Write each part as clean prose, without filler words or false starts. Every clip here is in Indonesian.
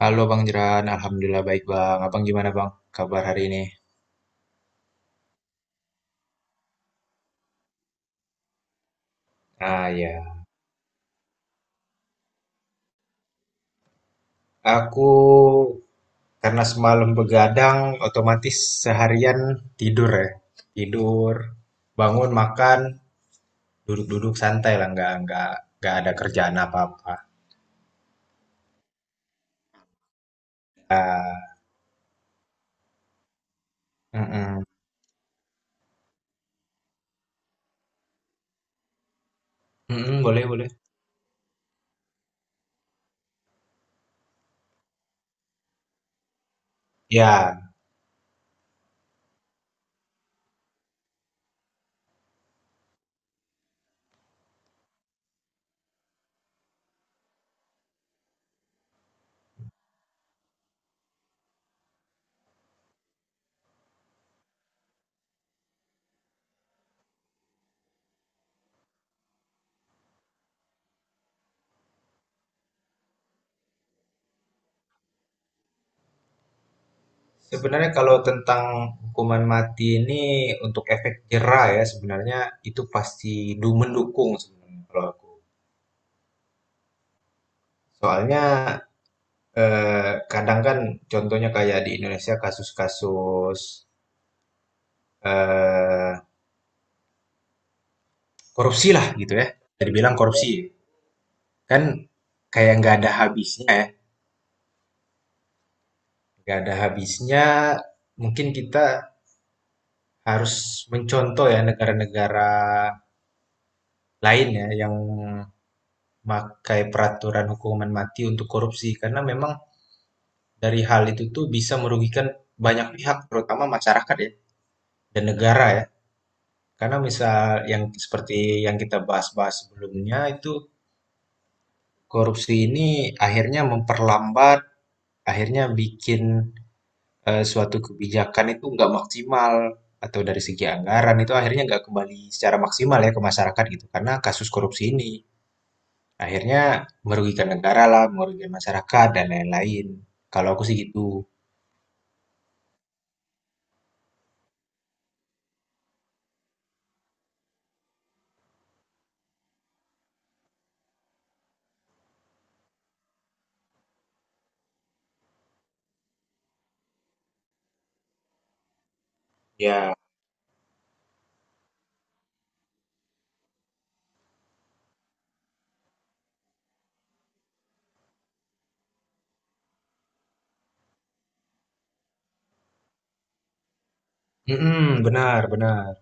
Halo Bang Jeran, Alhamdulillah baik Bang. Abang gimana Bang? Kabar hari ini? Ah ya, aku karena semalam begadang, otomatis seharian tidur ya. Tidur, bangun, makan, duduk-duduk santai lah, nggak nggak ada kerjaan apa-apa. Ah, mm-mm. Mm-mm, boleh boleh. Ya, sebenarnya kalau tentang hukuman mati ini untuk efek jera ya, sebenarnya itu pasti mendukung sebenarnya kalau aku. Soalnya kadang kan contohnya kayak di Indonesia kasus-kasus eh, korupsi lah gitu ya. Bisa dibilang korupsi kan kayak nggak ada habisnya ya. Nggak ada habisnya. Mungkin kita harus mencontoh ya negara-negara lain ya yang pakai peraturan hukuman mati untuk korupsi karena memang dari hal itu tuh bisa merugikan banyak pihak terutama masyarakat ya dan negara ya. Karena misal yang seperti yang kita bahas-bahas sebelumnya itu korupsi ini akhirnya memperlambat, akhirnya bikin suatu kebijakan itu nggak maksimal atau dari segi anggaran itu akhirnya nggak kembali secara maksimal ya ke masyarakat gitu karena kasus korupsi ini akhirnya merugikan negara lah, merugikan masyarakat dan lain-lain. Kalau aku sih gitu. Ya, mm-mm, benar, benar.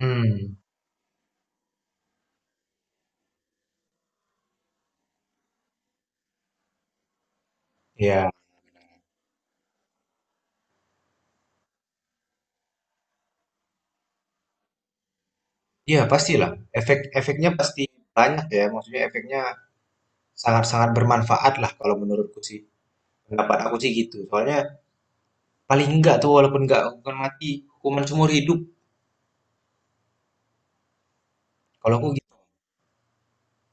Hmm, ya, ya pastilah. Efek-efeknya pasti banyak ya. Maksudnya efeknya sangat-sangat bermanfaat lah kalau menurutku sih. Pendapat aku sih gitu. Soalnya paling enggak tuh walaupun enggak hukuman mati, hukuman seumur hidup. Kalau aku gitu.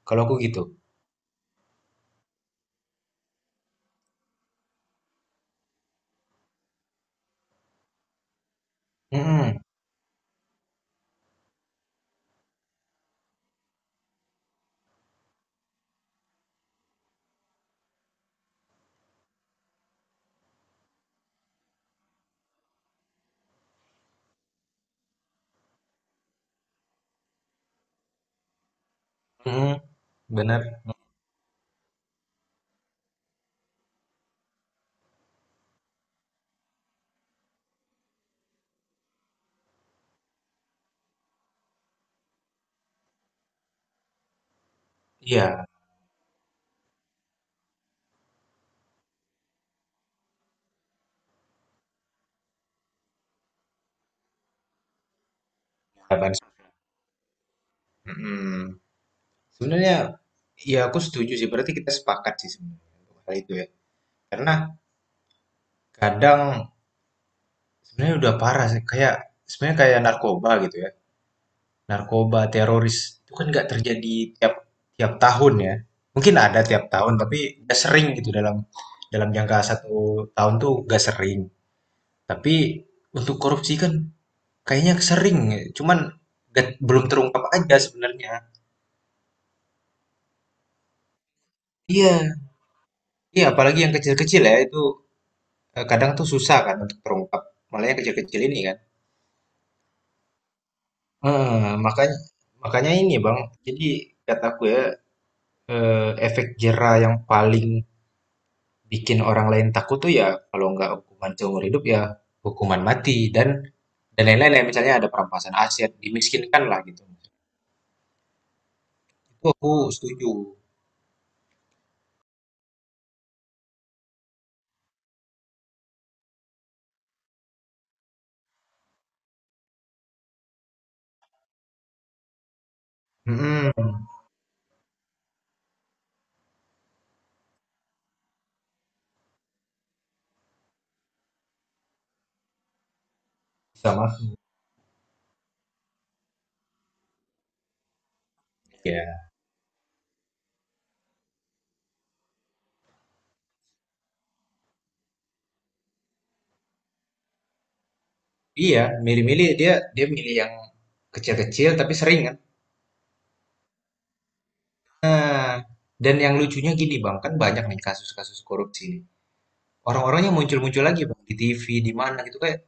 Kalau aku gitu. Mhm, mhm. Benar. Iya, harapan. Mhm. Sebenarnya ya aku setuju sih. Berarti kita sepakat sih sebenarnya untuk hal itu ya. Karena kadang sebenarnya udah parah sih kayak sebenarnya kayak narkoba gitu ya. Narkoba, teroris, itu kan nggak terjadi tiap tiap tahun ya. Mungkin ada tiap tahun, tapi nggak sering gitu dalam dalam jangka satu tahun tuh nggak sering. Tapi untuk korupsi kan kayaknya sering, ya. Cuman nggak- belum terungkap aja sebenarnya. Iya, iya apalagi yang kecil-kecil ya itu kadang tuh susah kan untuk terungkap. Malah yang kecil-kecil ini kan. Eh, makanya makanya ini Bang, jadi kataku ya efek jera yang paling bikin orang lain takut tuh ya kalau nggak hukuman seumur hidup ya hukuman mati dan lain-lain ya misalnya ada perampasan aset dimiskinkan lah gitu itu aku setuju. Mm-mm. Bisa mafia ya. Iya milih-milih dia dia milih yang kecil-kecil tapi sering kan. Nah, dan yang lucunya gini bang kan banyak nih kasus-kasus korupsi nih orang-orangnya muncul-muncul lagi bang di TV di mana gitu kayak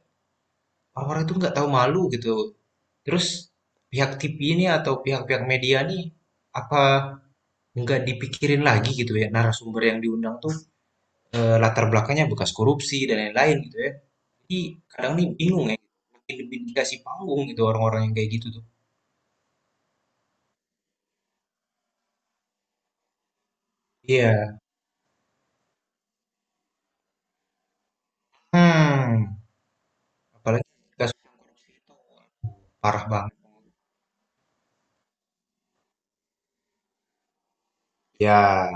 orang-orang itu nggak tahu malu gitu terus pihak TV ini atau pihak-pihak media nih apa nggak dipikirin lagi gitu ya narasumber yang diundang tuh latar belakangnya bekas korupsi dan lain-lain gitu ya jadi kadang nih bingung ya makin lebih dikasih panggung gitu orang-orang yang kayak gitu tuh. Iya, hmm, apalagi kasus parah banget ya.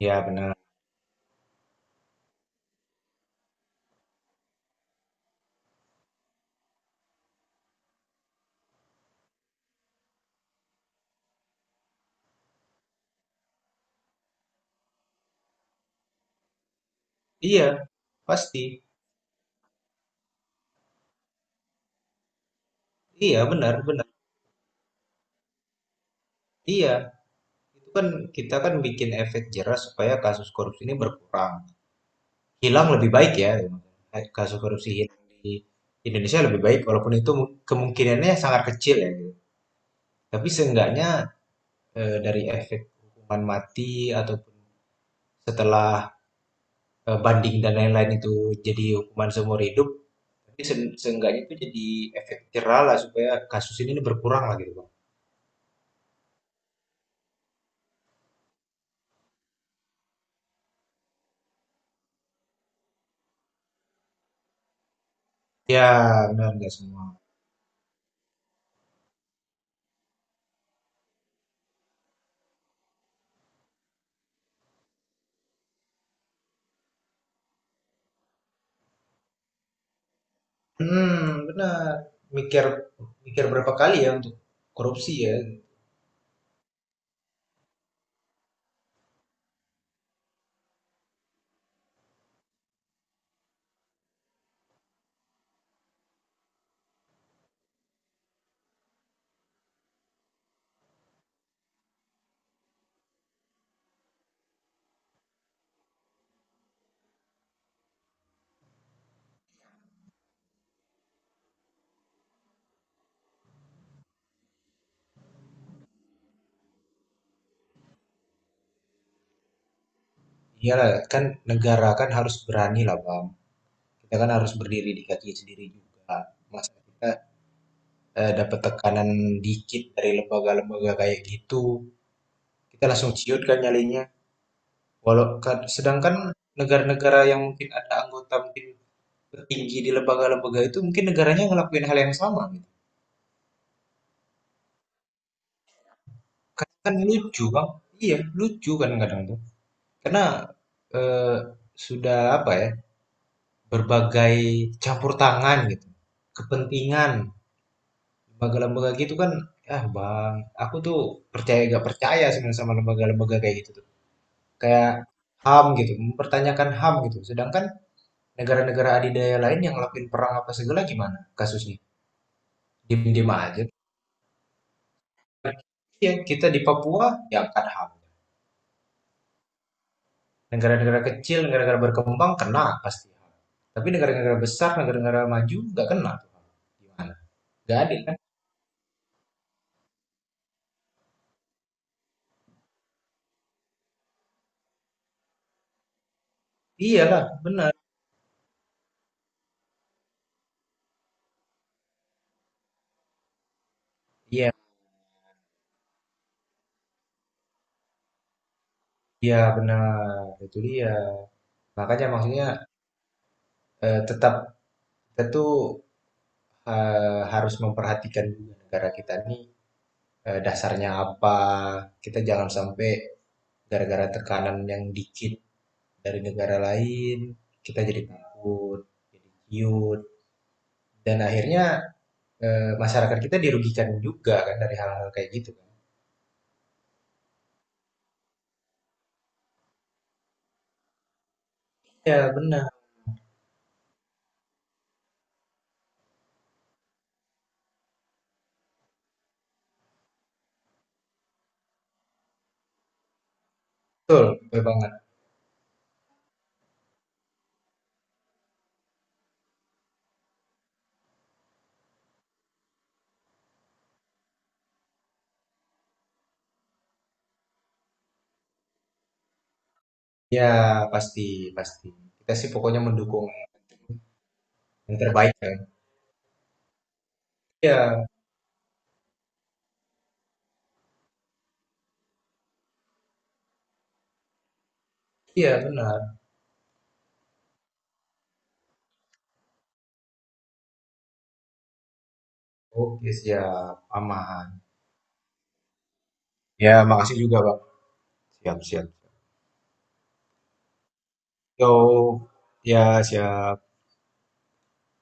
Ya benar, iya pasti, iya benar benar. Iya itu kan kita kan bikin efek jerah supaya kasus korupsi ini berkurang hilang lebih baik ya, kasus korupsi hilang di Indonesia lebih baik walaupun itu kemungkinannya sangat kecil ya. Tapi seenggaknya, dari efek hukuman mati ataupun setelah, banding dan lain-lain itu jadi hukuman seumur hidup, tapi seenggaknya itu jadi efek jerahlah supaya kasus ini berkuranglah gitu, Bang. Ya, benar nggak semua. Hmm benar. Mikir mikir berapa kali ya untuk korupsi ya. Iyalah kan negara kan harus berani lah Bang. Kita kan harus berdiri di kaki sendiri juga. Masa kita, dapat tekanan dikit dari lembaga-lembaga kayak gitu kita langsung ciut kan nyalinya. Sedangkan negara-negara yang mungkin ada anggota mungkin tertinggi di lembaga-lembaga itu mungkin negaranya ngelakuin hal yang sama gitu. Kan lucu bang, iya lucu kan kadang tuh. Karena eh, sudah apa ya berbagai campur tangan gitu, kepentingan lembaga-lembaga gitu kan. Ah bang, aku tuh percaya gak percaya sebenarnya sama lembaga-lembaga kayak gitu tuh. Kayak HAM gitu, mempertanyakan HAM gitu. Sedangkan negara-negara adidaya lain yang ngelakuin perang apa segala gimana kasusnya? Diem-diem aja. Ya, kita di Papua ya kan HAM. Negara-negara kecil, negara-negara berkembang kena pasti. Tapi negara-negara besar, negara-negara maju nggak kena tuh. Gimana? Nggak adil kan? Iyalah, benar. Iya, iya benar. Itu dia. Makanya maksudnya tetap kita tuh harus memperhatikan juga negara kita nih dasarnya apa. Kita jangan sampai gara-gara tekanan yang dikit dari negara lain, kita jadi takut, jadi ciut. Dan akhirnya masyarakat kita dirugikan juga kan dari hal-hal kayak gitu kan. Ya benar, betul, betul banget. Ya pasti, pasti. Kita sih pokoknya mendukung yang terbaik kan. Ya, iya benar. Oke, siap. Aman. Ya, makasih juga, Bang. Siap, siap. Yo, ya siap.